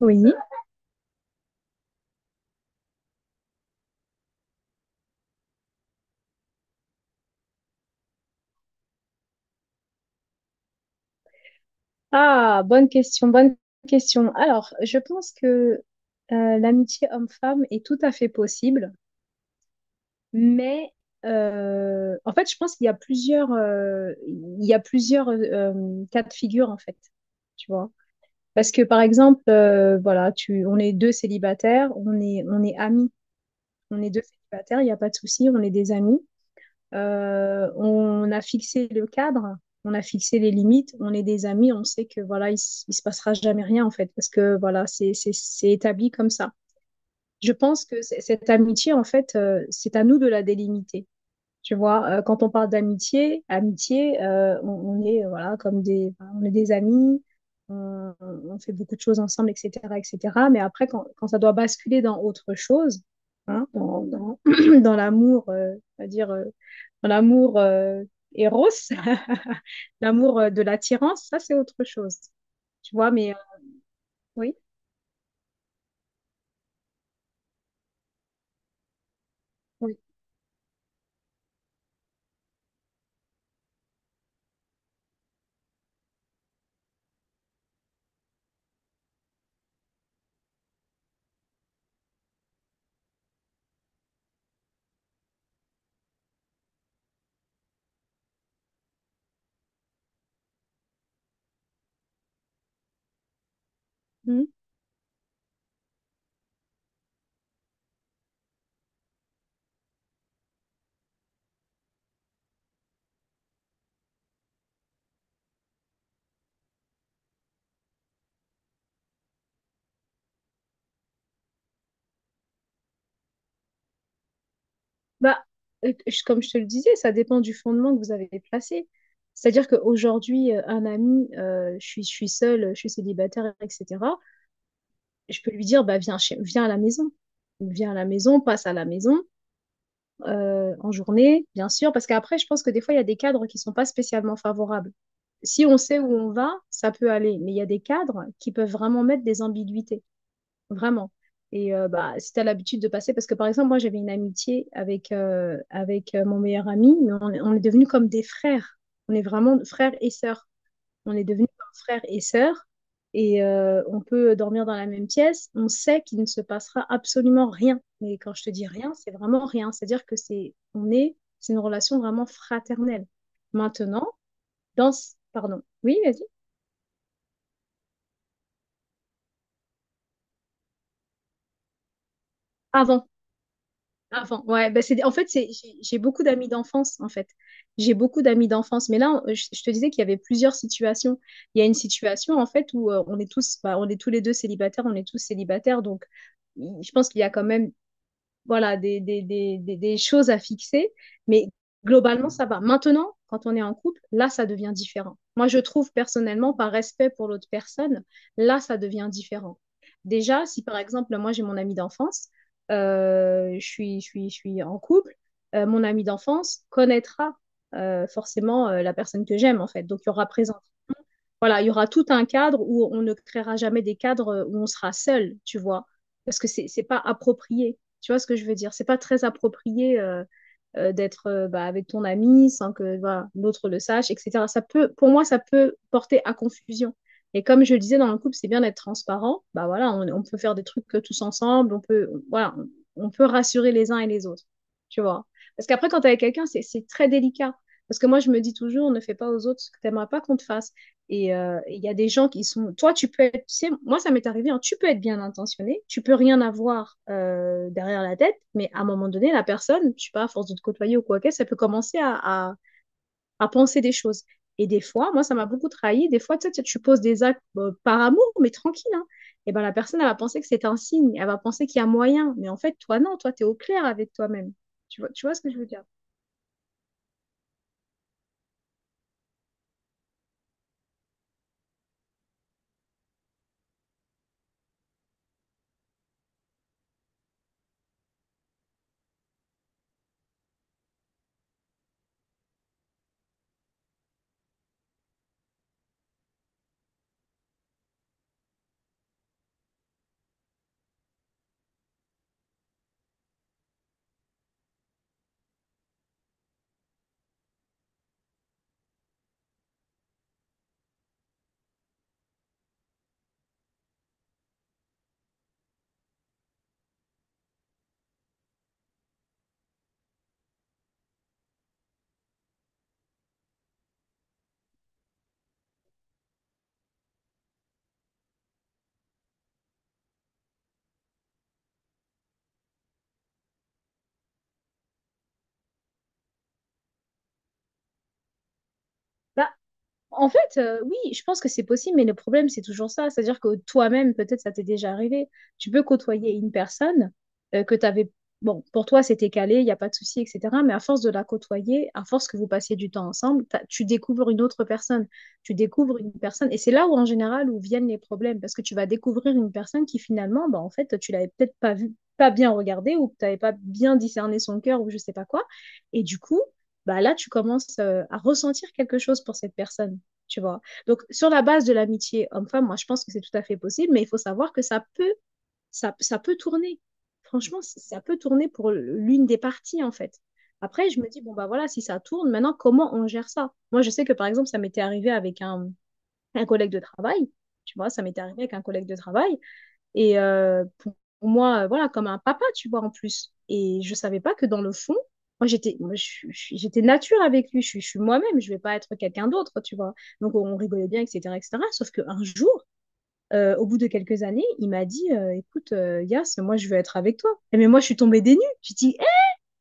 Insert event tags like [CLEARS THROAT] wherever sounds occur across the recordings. Oui. Ah, bonne question, bonne question. Alors, je pense que l'amitié homme-femme est tout à fait possible, mais en fait, je pense qu'il y a plusieurs cas de figure en fait. Tu vois? Parce que par exemple, voilà, on est deux célibataires, on est amis, on est deux célibataires, il n'y a pas de souci, on est des amis. On a fixé le cadre, on a fixé les limites, on est des amis, on sait que voilà, il se passera jamais rien en fait, parce que voilà, c'est établi comme ça. Je pense que cette amitié, en fait, c'est à nous de la délimiter. Tu vois, quand on parle d'amitié, amitié, on est voilà comme des, enfin, on est des amis, on fait beaucoup de choses ensemble, etc., etc. Mais après, quand ça doit basculer dans autre chose, hein, [CLEARS THROAT] dans l'amour, c'est-à-dire dans l'amour Eros, [LAUGHS] l'amour de l'attirance, ça c'est autre chose. Tu vois, mais oui, oui. Mmh. Bah, comme je te le disais, ça dépend du fondement que vous avez placé. C'est-à-dire qu'aujourd'hui, un ami, je suis seule, je suis célibataire, etc. Je peux lui dire, bah, viens, viens à la maison. Viens à la maison, passe à la maison, en journée, bien sûr, parce qu'après, je pense que des fois, il y a des cadres qui sont pas spécialement favorables. Si on sait où on va, ça peut aller, mais il y a des cadres qui peuvent vraiment mettre des ambiguïtés. Vraiment. Et bah, si tu as l'habitude de passer, parce que par exemple, moi j'avais une amitié avec, mon meilleur ami, mais on est devenus comme des frères. On est vraiment frères et sœurs. On est devenus comme frères et sœurs. Et on peut dormir dans la même pièce. On sait qu'il ne se passera absolument rien. Mais quand je te dis rien, c'est vraiment rien. C'est-à-dire que c'est une relation vraiment fraternelle. Maintenant, pardon. Oui, vas-y. Avant. Avant, ouais, ben c'est, en fait, j'ai beaucoup d'amis d'enfance, en fait. J'ai beaucoup d'amis d'enfance. Mais là, je te disais qu'il y avait plusieurs situations. Il y a une situation, en fait, où on est tous, bah, on est tous les deux célibataires, on est tous célibataires. Donc, je pense qu'il y a quand même voilà, des choses à fixer, mais globalement, ça va. Maintenant, quand on est en couple, là, ça devient différent. Moi, je trouve personnellement, par respect pour l'autre personne, là, ça devient différent. Déjà, si par exemple, moi, j'ai mon ami d'enfance, je suis en couple, mon ami d'enfance connaîtra forcément la personne que j'aime, en fait. Donc, il y aura présent voilà, il y aura tout un cadre où on ne créera jamais des cadres où on sera seul, tu vois, parce que c'est pas approprié. Tu vois ce que je veux dire? C'est pas très approprié d'être bah, avec ton ami sans que voilà, l'autre le sache, etc. Ça peut, pour moi, ça peut porter à confusion. Et comme je le disais dans le couple, c'est bien d'être transparent. Bah voilà, on peut faire des trucs tous ensemble, voilà, on peut rassurer les uns et les autres, tu vois. Parce qu'après, quand t'es avec quelqu'un, c'est très délicat. Parce que moi, je me dis toujours, ne fais pas aux autres ce que t'aimerais pas qu'on te fasse. Et il y a des gens qui sont. Toi, tu peux être. Tu sais, moi, ça m'est arrivé, hein, tu peux être bien intentionné, tu peux rien avoir derrière la tête, mais à un moment donné, la personne, je sais pas, à force de te côtoyer ou quoi que ça peut commencer à penser des choses. Et des fois, moi, ça m'a beaucoup trahi. Des fois, tu sais, tu poses des actes par amour, mais tranquille. Hein. Et ben la personne, elle va penser que c'est un signe, elle va penser qu'il y a moyen. Mais en fait, toi, non, toi, tu es au clair avec toi-même. Tu vois ce que je veux dire? Bah, en fait, oui, je pense que c'est possible, mais le problème, c'est toujours ça. C'est-à-dire que toi-même, peut-être ça t'est déjà arrivé. Tu peux côtoyer une personne que tu avais. Bon, pour toi, c'était calé, il n'y a pas de souci, etc. Mais à force de la côtoyer, à force que vous passiez du temps ensemble, tu découvres une autre personne. Tu découvres une personne. Et c'est là où, en général, où viennent les problèmes. Parce que tu vas découvrir une personne qui, finalement, bah, en fait, tu l'avais peut-être pas vue, pas bien regardée, ou que tu n'avais pas bien discerné son cœur, ou je sais pas quoi. Et du coup bah là, tu commences à ressentir quelque chose pour cette personne tu vois. Donc, sur la base de l'amitié homme-femme, moi, je pense que c'est tout à fait possible, mais il faut savoir que ça peut tourner. Franchement, ça peut tourner pour l'une des parties, en fait. Après, je me dis, bon, bah voilà, si ça tourne, maintenant, comment on gère ça? Moi, je sais que, par exemple, ça m'était arrivé avec un collègue de travail, tu vois, ça m'était arrivé avec un collègue de travail, et pour moi, voilà, comme un papa, tu vois, en plus. Et je savais pas que dans le fond, moi, j'étais nature avec lui. Je suis moi-même. Je vais pas être quelqu'un d'autre, tu vois. Donc, on rigolait bien, etc., etc. Sauf qu'un jour, au bout de quelques années, il m'a dit, écoute, Yas, moi, je veux être avec toi. Et mais moi, je suis tombée des nues.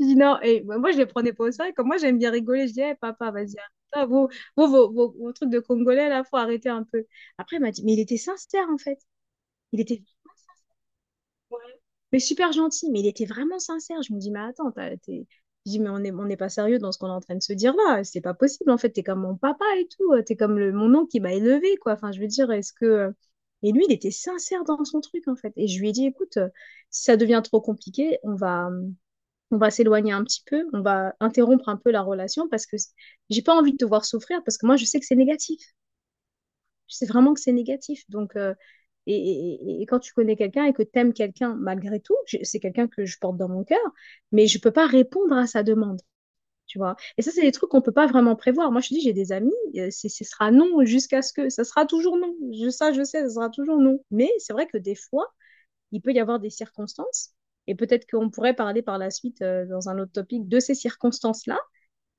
J'ai dit, non. Et moi, je les prenais pas au sérieux. Comme moi, j'aime bien rigoler. Je dis, eh papa, vas-y, arrête. Ah, vos trucs de Congolais, là, faut arrêter un peu. Après, il m'a dit, mais il était sincère, en fait. Il était Ouais. Mais super gentil, mais il était vraiment sincère. Je me dis, mais attends, t'es. Je dis, mais on n'est pas sérieux dans ce qu'on est en train de se dire là. C'est pas possible, en fait. T'es comme mon papa et tout. T'es comme le, mon oncle qui m'a élevé, quoi. Enfin, je veux dire, est-ce que. Et lui, il était sincère dans son truc, en fait. Et je lui ai dit, écoute, si ça devient trop compliqué, on va s'éloigner un petit peu. On va interrompre un peu la relation parce que j'ai pas envie de te voir souffrir parce que moi, je sais que c'est négatif. Je sais vraiment que c'est négatif. Donc, et, et quand tu connais quelqu'un et que t'aimes quelqu'un malgré tout, c'est quelqu'un que je porte dans mon cœur, mais je peux pas répondre à sa demande, tu vois. Et ça, c'est des trucs qu'on peut pas vraiment prévoir. Moi, je te dis, j'ai des amis, ce sera non ça sera toujours non. Ça, je sais, ça sera toujours non. Mais c'est vrai que des fois, il peut y avoir des circonstances, et peut-être qu'on pourrait parler par la suite, dans un autre topic, de ces circonstances-là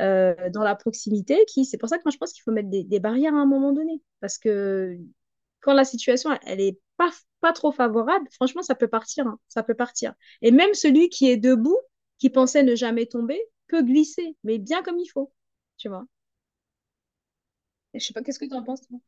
dans la proximité qui, c'est pour ça que moi je pense qu'il faut mettre des barrières à un moment donné. Parce que quand la situation, elle est pas trop favorable, franchement, ça peut partir, hein, ça peut partir. Et même celui qui est debout, qui pensait ne jamais tomber, peut glisser, mais bien comme il faut, tu vois. Je sais pas, qu'est-ce que tu en penses, toi?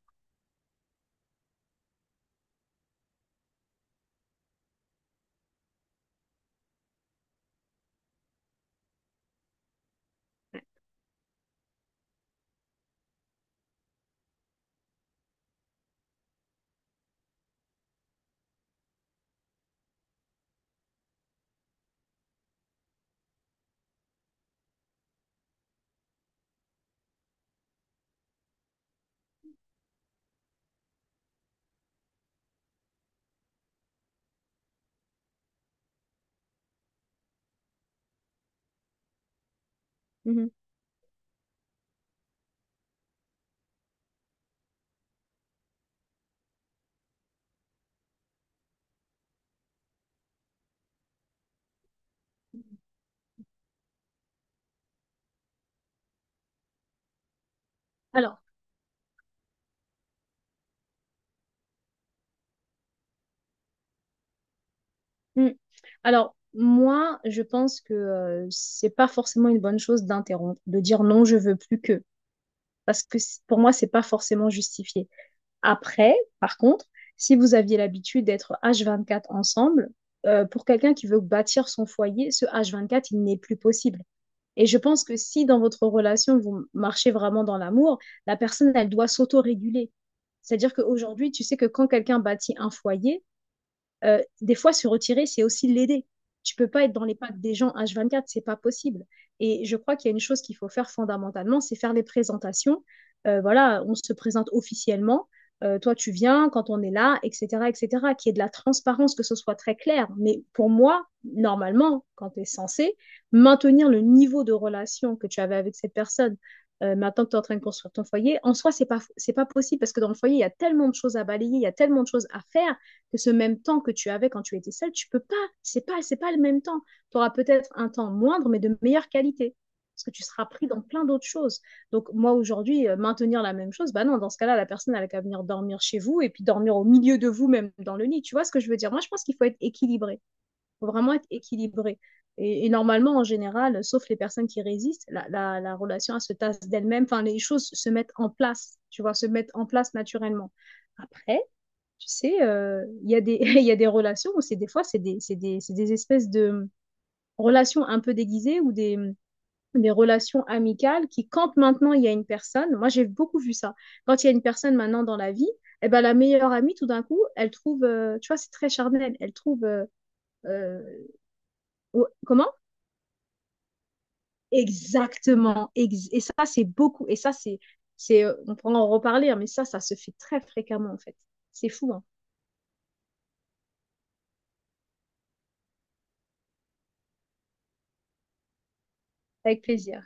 Mhm. Alors, mm. Alors, moi, je pense que c'est pas forcément une bonne chose d'interrompre, de dire non, je veux plus que, parce que pour moi, c'est pas forcément justifié. Après, par contre, si vous aviez l'habitude d'être H24 ensemble, pour quelqu'un qui veut bâtir son foyer, ce H24, il n'est plus possible. Et je pense que si dans votre relation, vous marchez vraiment dans l'amour, la personne, elle doit s'auto-réguler. C'est-à-dire qu'aujourd'hui, tu sais que quand quelqu'un bâtit un foyer, des fois, se retirer, c'est aussi l'aider. Tu peux pas être dans les pattes des gens H24, c'est pas possible. Et je crois qu'il y a une chose qu'il faut faire fondamentalement, c'est faire les présentations. Voilà, on se présente officiellement. Toi, tu viens quand on est là, etc., etc. Qu'il y ait de la transparence, que ce soit très clair. Mais pour moi, normalement, quand tu es censé maintenir le niveau de relation que tu avais avec cette personne, maintenant que tu es en train de construire ton foyer, en soi, c'est pas possible parce que dans le foyer, il y a tellement de choses à balayer, il y a tellement de choses à faire que ce même temps que tu avais quand tu étais seule, tu peux pas. C'est pas le même temps. Tu auras peut-être un temps moindre, mais de meilleure qualité. Parce que tu seras pris dans plein d'autres choses. Donc, moi, aujourd'hui, maintenir la même chose, bah non, dans ce cas-là, la personne, elle a qu'à venir dormir chez vous et puis dormir au milieu de vous, même dans le lit. Tu vois ce que je veux dire? Moi, je pense qu'il faut être équilibré. Il faut vraiment être équilibré. Normalement, en général, sauf les personnes qui résistent, la relation, elle se tasse d'elle-même. Enfin, les choses se mettent en place, tu vois, se mettent en place naturellement. Après, tu sais, il y a des, [LAUGHS] il y a des relations où c'est des fois, c'est des espèces de relations un peu déguisées ou des relations amicales qui, quand maintenant il y a une personne, moi j'ai beaucoup vu ça, quand il y a une personne maintenant dans la vie, eh ben, la meilleure amie, tout d'un coup, elle trouve, tu vois, c'est très charnel, euh, comment? Exactement. Et ça, c'est beaucoup. Et ça, on pourra en reparler, hein, mais ça se fait très fréquemment, en fait. C'est fou, hein. Avec plaisir.